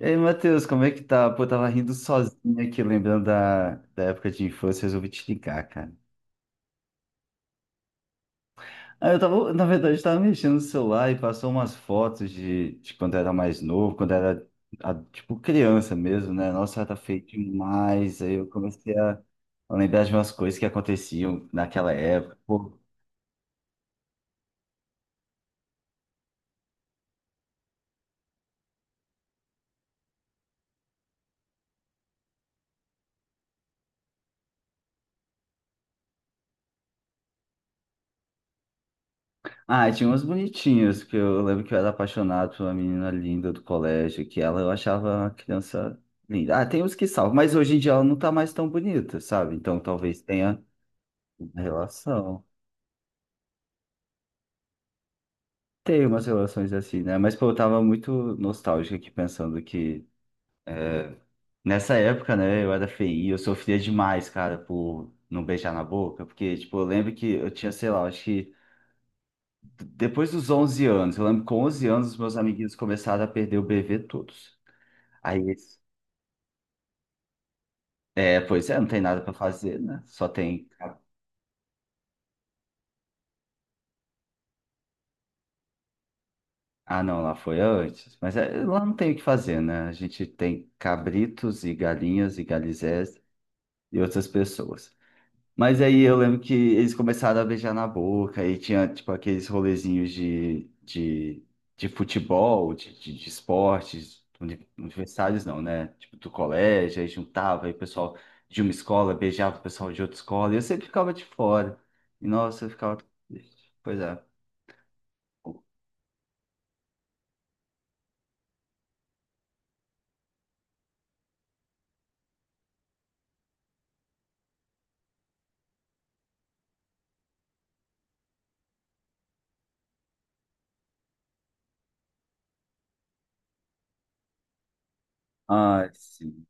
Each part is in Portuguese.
E aí, Matheus, como é que tá? Pô, eu tava rindo sozinho aqui, lembrando da época de infância, resolvi te ligar, cara. Ah, eu tava, na verdade, eu tava mexendo no celular e passou umas fotos de quando era mais novo, tipo, criança mesmo, né? Nossa, era feio demais. Aí eu comecei a lembrar de umas coisas que aconteciam naquela época. Ah, tinha umas bonitinhas, que eu lembro que eu era apaixonado por uma menina linda do colégio, que ela eu achava uma criança linda. Ah, tem uns que salvam, mas hoje em dia ela não tá mais tão bonita, sabe? Então talvez tenha uma relação. Tem umas relações assim, né? Mas pô, eu tava muito nostálgico aqui pensando que nessa época, né, eu era feio, eu sofria demais, cara, por não beijar na boca, porque, tipo, eu lembro que eu tinha, sei lá, acho que depois dos 11 anos, eu lembro que com 11 anos os meus amiguinhos começaram a perder o bebê todos. Aí É, pois é, não tem nada para fazer, né? Só tem. Ah, não, lá foi antes. Mas é, lá não tem o que fazer, né? A gente tem cabritos e galinhas e galizés e outras pessoas. Mas aí eu lembro que eles começaram a beijar na boca e tinha, tipo, aqueles rolezinhos de futebol, de esportes, universitários não, né? Tipo, do colégio, aí juntava, aí o pessoal de uma escola beijava o pessoal de outra escola e eu sempre ficava de fora. E nossa, eu ficava triste. Pois é. Ai, sim.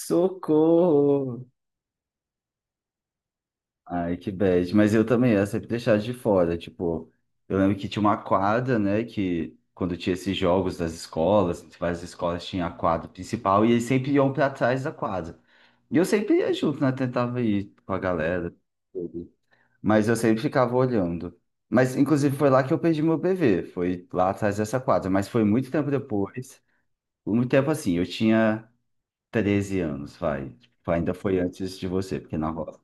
Socorro! Ai, que bad. Mas eu também ia sempre deixar de fora. Tipo, eu lembro que tinha uma quadra, né? Que quando tinha esses jogos das escolas, várias escolas tinham a quadra principal e eles sempre iam pra trás da quadra. E eu sempre ia junto, né? Tentava ir com a galera tudo. Mas eu sempre ficava olhando. Mas, inclusive, foi lá que eu perdi meu bebê. Foi lá atrás dessa quadra. Mas foi muito tempo depois. Muito tempo assim. Eu tinha 13 anos, vai. Tipo, ainda foi antes de você, porque na roça.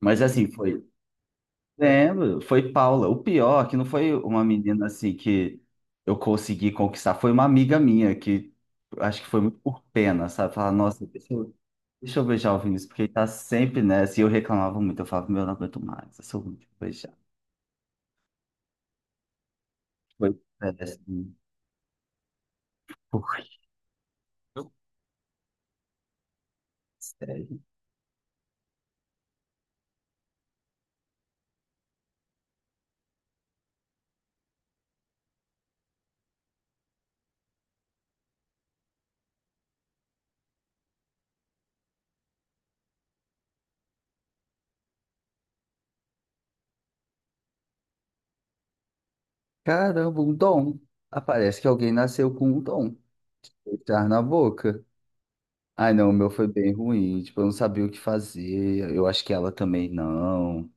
Mas assim, foi. Lembro, foi Paula. O pior é que não foi uma menina assim que eu consegui conquistar, foi uma amiga minha que acho que foi muito por pena, sabe? Falar, nossa, deixa eu beijar o Vinícius, porque ele tá sempre nessa. E eu reclamava muito, eu falava, meu, eu não aguento mais, eu sou muito beijar. Foi péssimo. Foi. Sério. Caramba, um dom. Aparece que alguém nasceu com um dom. Beijar na boca. Ai, não, o meu foi bem ruim. Tipo, eu não sabia o que fazer. Eu acho que ela também não.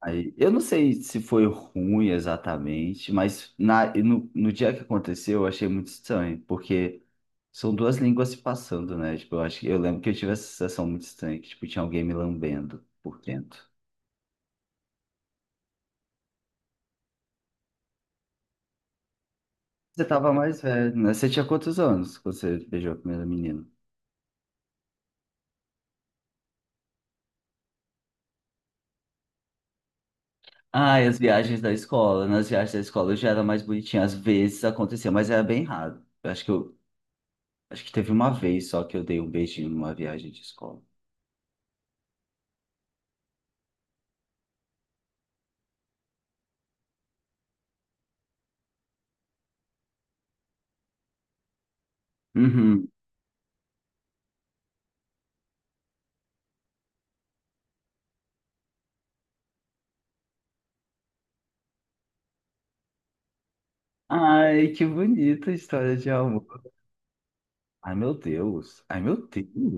Aí, eu não sei se foi ruim exatamente, mas na, no, no dia que aconteceu, eu achei muito estranho, porque são duas línguas se passando, né? Tipo, eu acho que eu lembro que eu tive essa sensação muito estranha, que tipo, tinha alguém me lambendo por dentro. Você tava mais velho, né? Você tinha quantos anos quando você beijou a primeira menina? Ah, e as viagens da escola. Nas viagens da escola eu já era mais bonitinha. Às vezes acontecia, mas era bem raro. Eu acho que eu, acho que teve uma vez só que eu dei um beijinho numa viagem de escola. Uhum. Ai, que bonita a história de amor. Ai, meu Deus. Ai, meu Deus.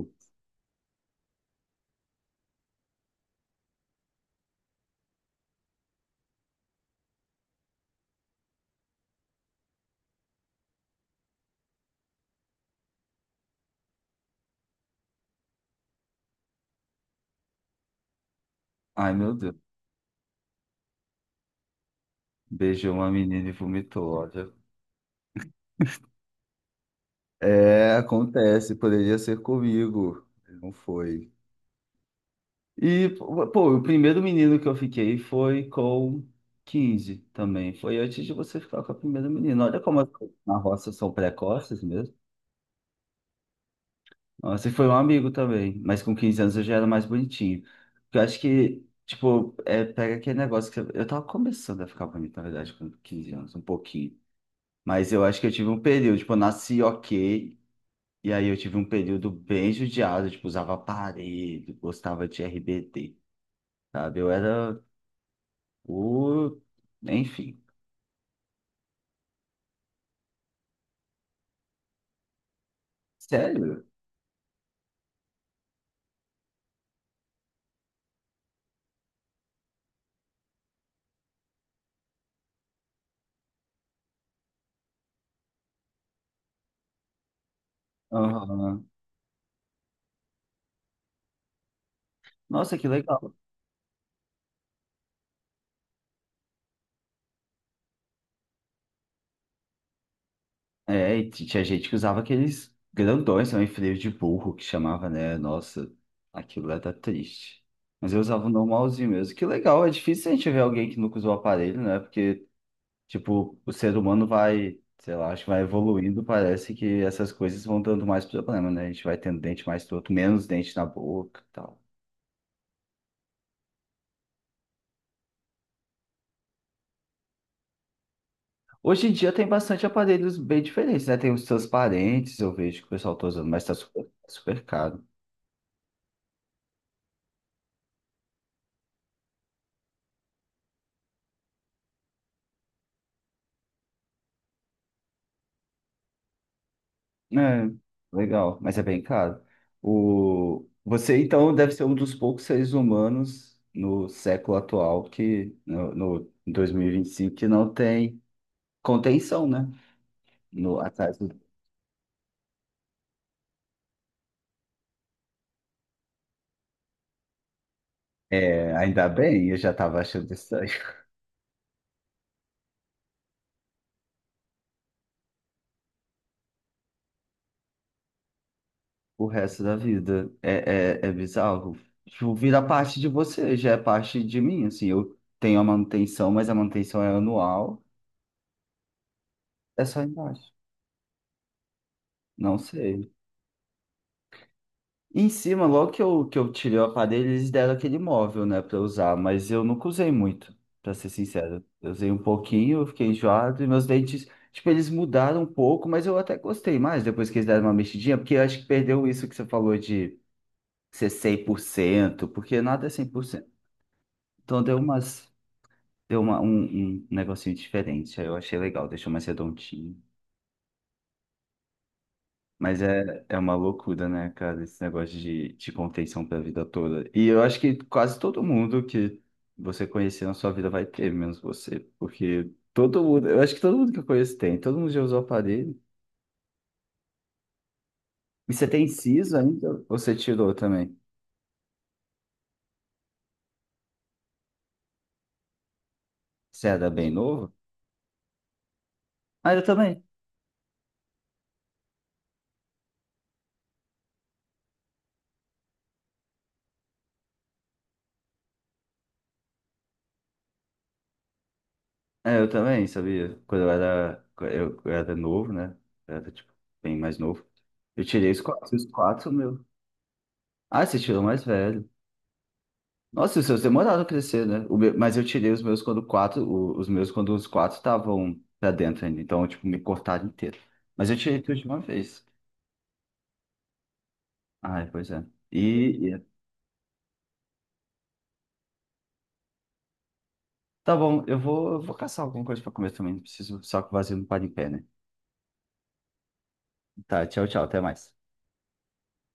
Ai, meu Deus. Beijou uma menina e vomitou, olha. É, acontece. Poderia ser comigo. Não foi. E, pô, o primeiro menino que eu fiquei foi com 15 também. Foi antes de você ficar com a primeira menina. Olha como as coisas na roça são precoces. Nossa, e foi um amigo também, mas com 15 anos eu já era mais bonitinho. Eu acho que, tipo, é, pega aquele negócio que eu tava começando a ficar bonito, na verdade, com 15 anos, um pouquinho. Mas eu acho que eu tive um período, tipo, eu nasci ok, e aí eu tive um período bem judiado, tipo, usava aparelho, gostava de RBD, sabe? Eu era o. Enfim, sério? Aham. Nossa, que legal. É, e tinha gente que usava aqueles grandões também, freio de burro, que chamava, né? Nossa, aquilo era triste. Mas eu usava o normalzinho mesmo. Que legal, é difícil a gente ver alguém que nunca usou aparelho, né? Porque, tipo, o ser humano vai, sei lá, acho que vai evoluindo, parece que essas coisas vão dando mais problema, né? A gente vai tendo dente mais torto, menos dente na boca e tal. Hoje em dia tem bastante aparelhos bem diferentes, né? Tem os transparentes, eu vejo que o pessoal tá usando, mas tá super caro. É, legal, mas é bem caro. O... Você, então, deve ser um dos poucos seres humanos no século atual, que no em 2025 que não tem contenção, né? No, atrás do... É, ainda bem, eu já estava achando estranho. O resto da vida é, é bizarro. Tipo, vira parte de você, já é parte de mim, assim. Eu tenho a manutenção, mas a manutenção é anual, é só embaixo. Não sei. Em cima, logo que eu tirei o aparelho, eles deram aquele móvel, né, pra eu usar, mas eu nunca usei muito, pra ser sincero. Eu usei um pouquinho, eu fiquei enjoado, e meus dentes, tipo, eles mudaram um pouco, mas eu até gostei mais depois que eles deram uma mexidinha, porque eu acho que perdeu isso que você falou de ser 100%, porque nada é 100%. Então deu umas, deu uma, um, um negocinho diferente, aí eu achei legal, deixou mais redondinho. Mas é, é uma loucura, né, cara, esse negócio de contenção pra vida toda. E eu acho que quase todo mundo que você conhecer na sua vida vai ter, menos você. Porque todo mundo, eu acho que todo mundo que eu conheço tem, todo mundo já usou aparelho. E você tem siso ainda? Ou você tirou também? Você era bem novo? Ah, eu também. É, eu também, sabia? Quando eu era, eu era novo, né? Eu era, tipo, bem mais novo. Eu tirei os quatro, meu. Ah, você tirou mais velho. Nossa, os seus demoraram a crescer, né? O meu- mas eu tirei os meus quando quatro, os meus quando os quatro estavam pra dentro ainda, então, tipo, me cortaram inteiro. Mas eu tirei tudo de uma vez. Ai, pois é. E, e- tá bom, eu vou caçar alguma coisa pra comer também, não preciso só que o vazio não para em pé, né? Tá, tchau, tchau, até mais.